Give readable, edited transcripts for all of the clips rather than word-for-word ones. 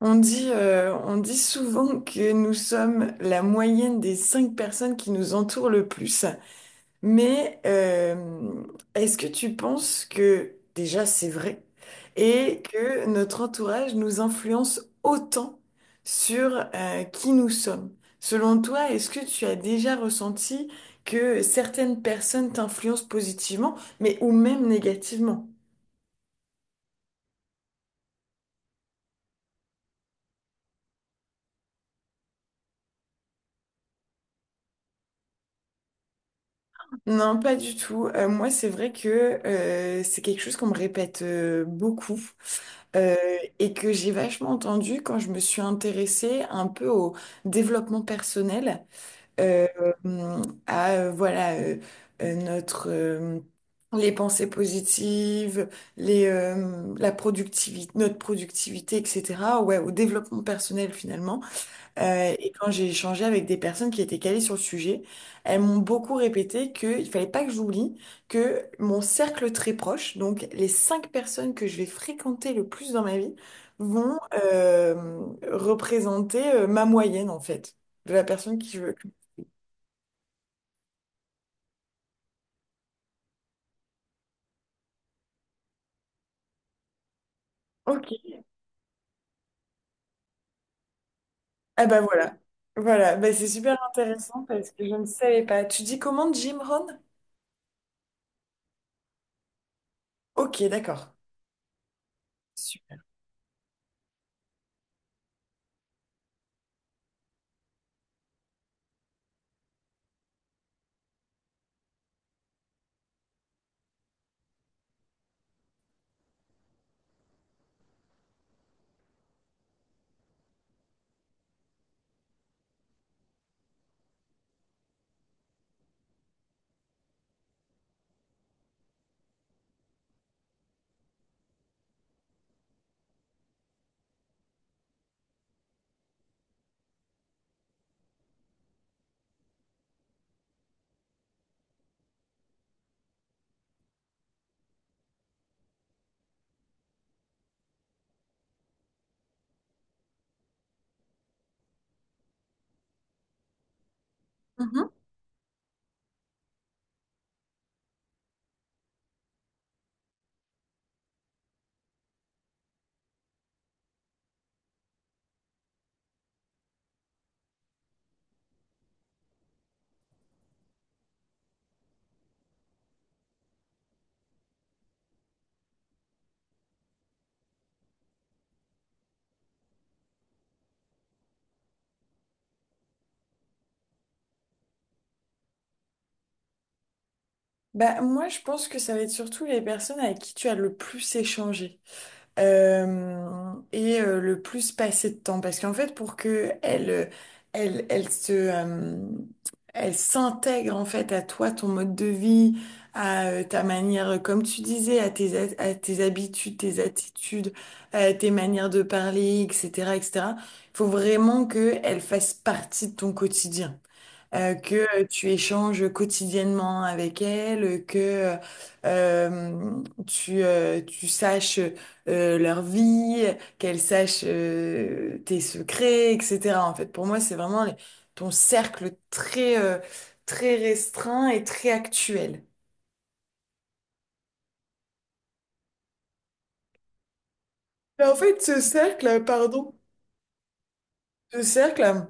On dit souvent que nous sommes la moyenne des cinq personnes qui nous entourent le plus. Mais est-ce que tu penses que déjà c'est vrai et que notre entourage nous influence autant sur qui nous sommes? Selon toi, est-ce que tu as déjà ressenti que certaines personnes t'influencent positivement, mais ou même négativement? Non, pas du tout. Moi, c'est vrai que c'est quelque chose qu'on me répète beaucoup euh, et que j'ai vachement entendu quand je me suis intéressée un peu au développement personnel, euh, à voilà notre les pensées positives, les la productivité, notre productivité, etc. Ouais, au développement personnel finalement. Et quand j'ai échangé avec des personnes qui étaient calées sur le sujet, elles m'ont beaucoup répété qu'il fallait pas que j'oublie que mon cercle très proche, donc les cinq personnes que je vais fréquenter le plus dans ma vie, vont représenter ma moyenne en fait, de la personne qui je veux. Ok. Ah bah voilà. Voilà, bah, c'est super intéressant parce que je ne savais pas. Tu dis comment Jim Rohn? Ok, d'accord. Super. Mhm. Bah moi je pense que ça va être surtout les personnes avec qui tu as le plus échangé, et le plus passer de temps. Parce qu'en fait, pour que elle, elle se, euh, elle s'intègre en fait à toi, ton mode de vie, à ta manière, comme tu disais, à à tes habitudes, tes attitudes, à tes manières de parler, etc., etc. Il faut vraiment que elle fasse partie de ton quotidien, que tu échanges quotidiennement avec elle, que tu saches leur vie, qu'elle sache tes secrets, etc. En fait, pour moi, c'est vraiment ton cercle très, très restreint et très actuel. Mais en fait, ce cercle, pardon, ce cercle,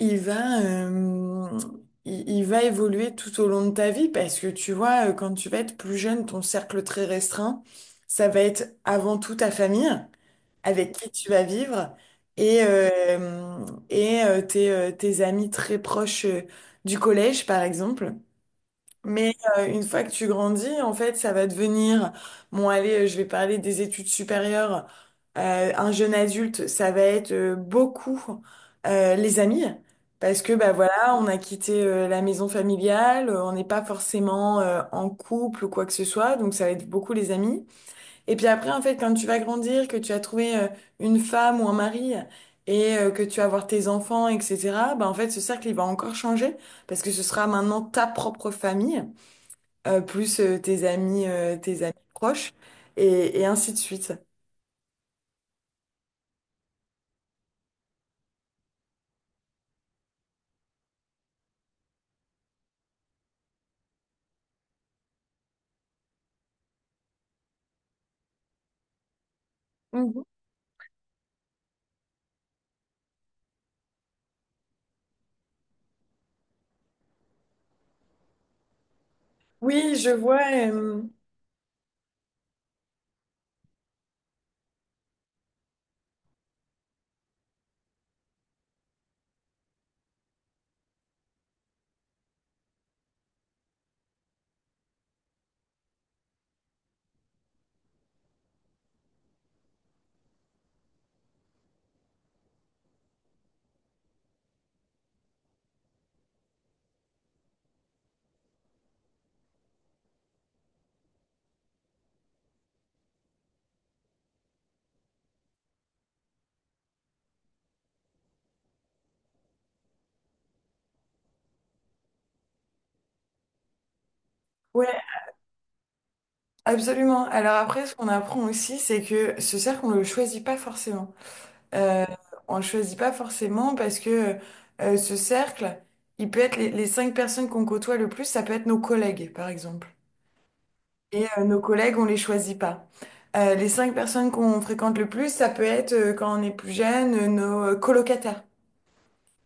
il va, euh, il va évoluer tout au long de ta vie parce que tu vois, quand tu vas être plus jeune, ton cercle très restreint, ça va être avant tout ta famille avec qui tu vas vivre et, euh, et tes amis très proches du collège, par exemple. Mais une fois que tu grandis, en fait, ça va devenir, bon, allez, je vais parler des études supérieures. Un jeune adulte, ça va être beaucoup les amis, parce que bah voilà, on a quitté la maison familiale, on n'est pas forcément en couple ou quoi que ce soit, donc ça va être beaucoup les amis. Et puis après, en fait, quand tu vas grandir, que tu as trouvé une femme ou un mari et que tu vas avoir tes enfants, etc., bah en fait, ce cercle, il va encore changer, parce que ce sera maintenant ta propre famille plus tes amis proches, et ainsi de suite. Mhm. Oui, je vois. Ouais, absolument. Alors après, ce qu'on apprend aussi, c'est que ce cercle, on le choisit pas forcément. Euh, on le choisit pas forcément parce que ce cercle, il peut être les cinq personnes qu'on côtoie le plus, ça peut être nos collègues, par exemple. Et nos collègues, on les choisit pas. Les cinq personnes qu'on fréquente le plus, ça peut être quand on est plus jeune, nos colocataires.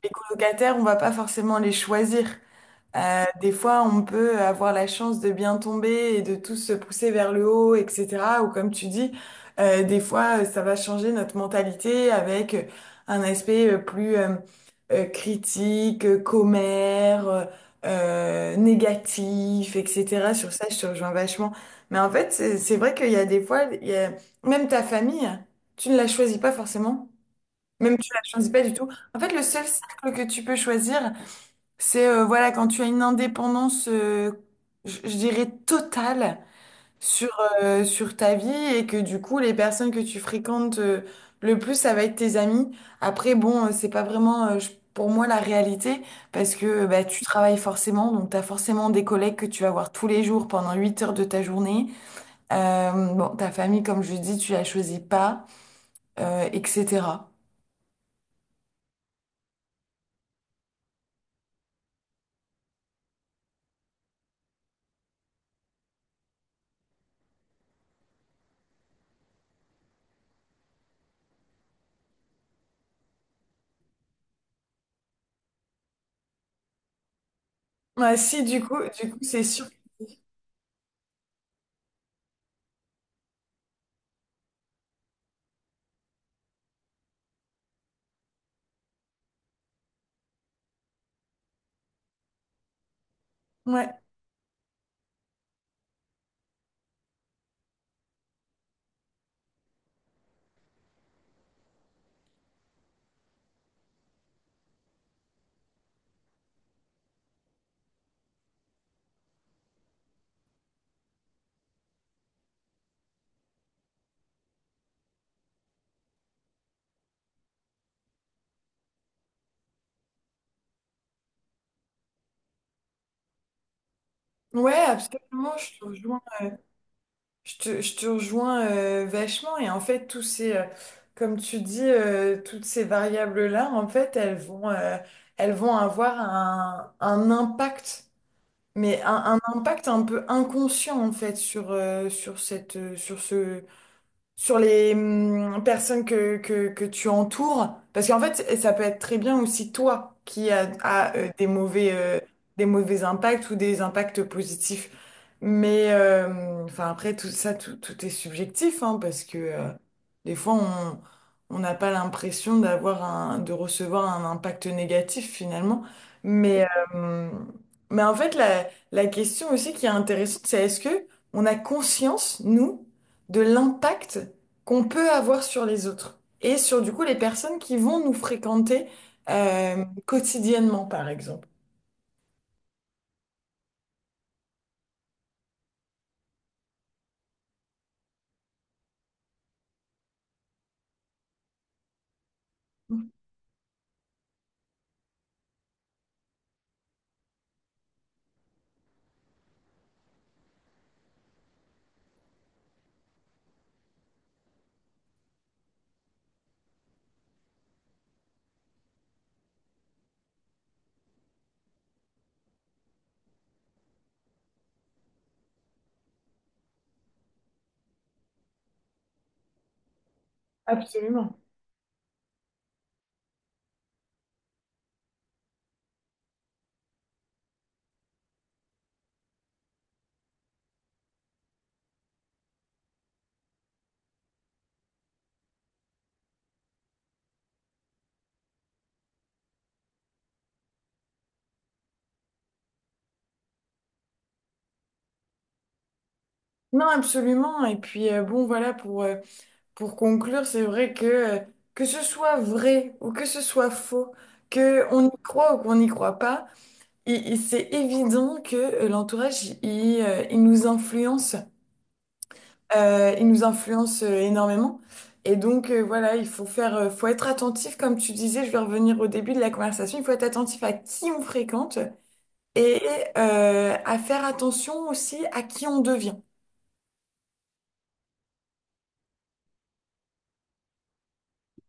Les colocataires, on va pas forcément les choisir. Des fois, on peut avoir la chance de bien tomber et de tous se pousser vers le haut, etc. Ou comme tu dis, des fois, ça va changer notre mentalité avec un aspect plus critique, commère, négatif, etc. Sur ça, je te rejoins vachement. Mais en fait, c'est vrai qu'il y a des fois, même ta famille, tu ne la choisis pas forcément. Même tu la choisis pas du tout. En fait, le seul cercle que tu peux choisir, c'est voilà quand tu as une indépendance, je dirais totale sur sur ta vie et que du coup les personnes que tu fréquentes le plus, ça va être tes amis. Après, bon, c'est pas vraiment pour moi la réalité parce que bah, tu travailles forcément, donc tu as forcément des collègues que tu vas voir tous les jours pendant 8 heures de ta journée. Bon, ta famille, comme je dis, tu la choisis pas, etc. Bah, si, du coup, c'est sûr. Ouais, ouais, absolument. Je te rejoins vachement. Et en fait, comme tu dis, toutes ces variables-là, en fait, elles vont avoir un impact, mais un impact un peu inconscient, en fait, sur, sur cette, sur ce, sur les personnes que tu entoures. Parce qu'en fait, ça peut être très bien aussi toi qui a des mauvais impacts ou des impacts positifs. Mais enfin après, tout ça, tout est subjectif, hein, parce que des fois, on n'a pas l'impression de recevoir un impact négatif finalement. Mais, euh, mais en fait, la question aussi qui est intéressante, c'est est-ce que on a conscience, nous, de l'impact qu'on peut avoir sur les autres et sur du coup les personnes qui vont nous fréquenter quotidiennement, par exemple. Absolument. Non, absolument. Et puis, bon, voilà, pour conclure, c'est vrai que ce soit vrai ou que ce soit faux, que on y croit ou qu'on n'y croit pas, c'est évident que l'entourage, il nous influence, énormément. Et donc, voilà, faut être attentif, comme tu disais, je vais revenir au début de la conversation, il faut être attentif à qui on fréquente et à faire attention aussi à qui on devient.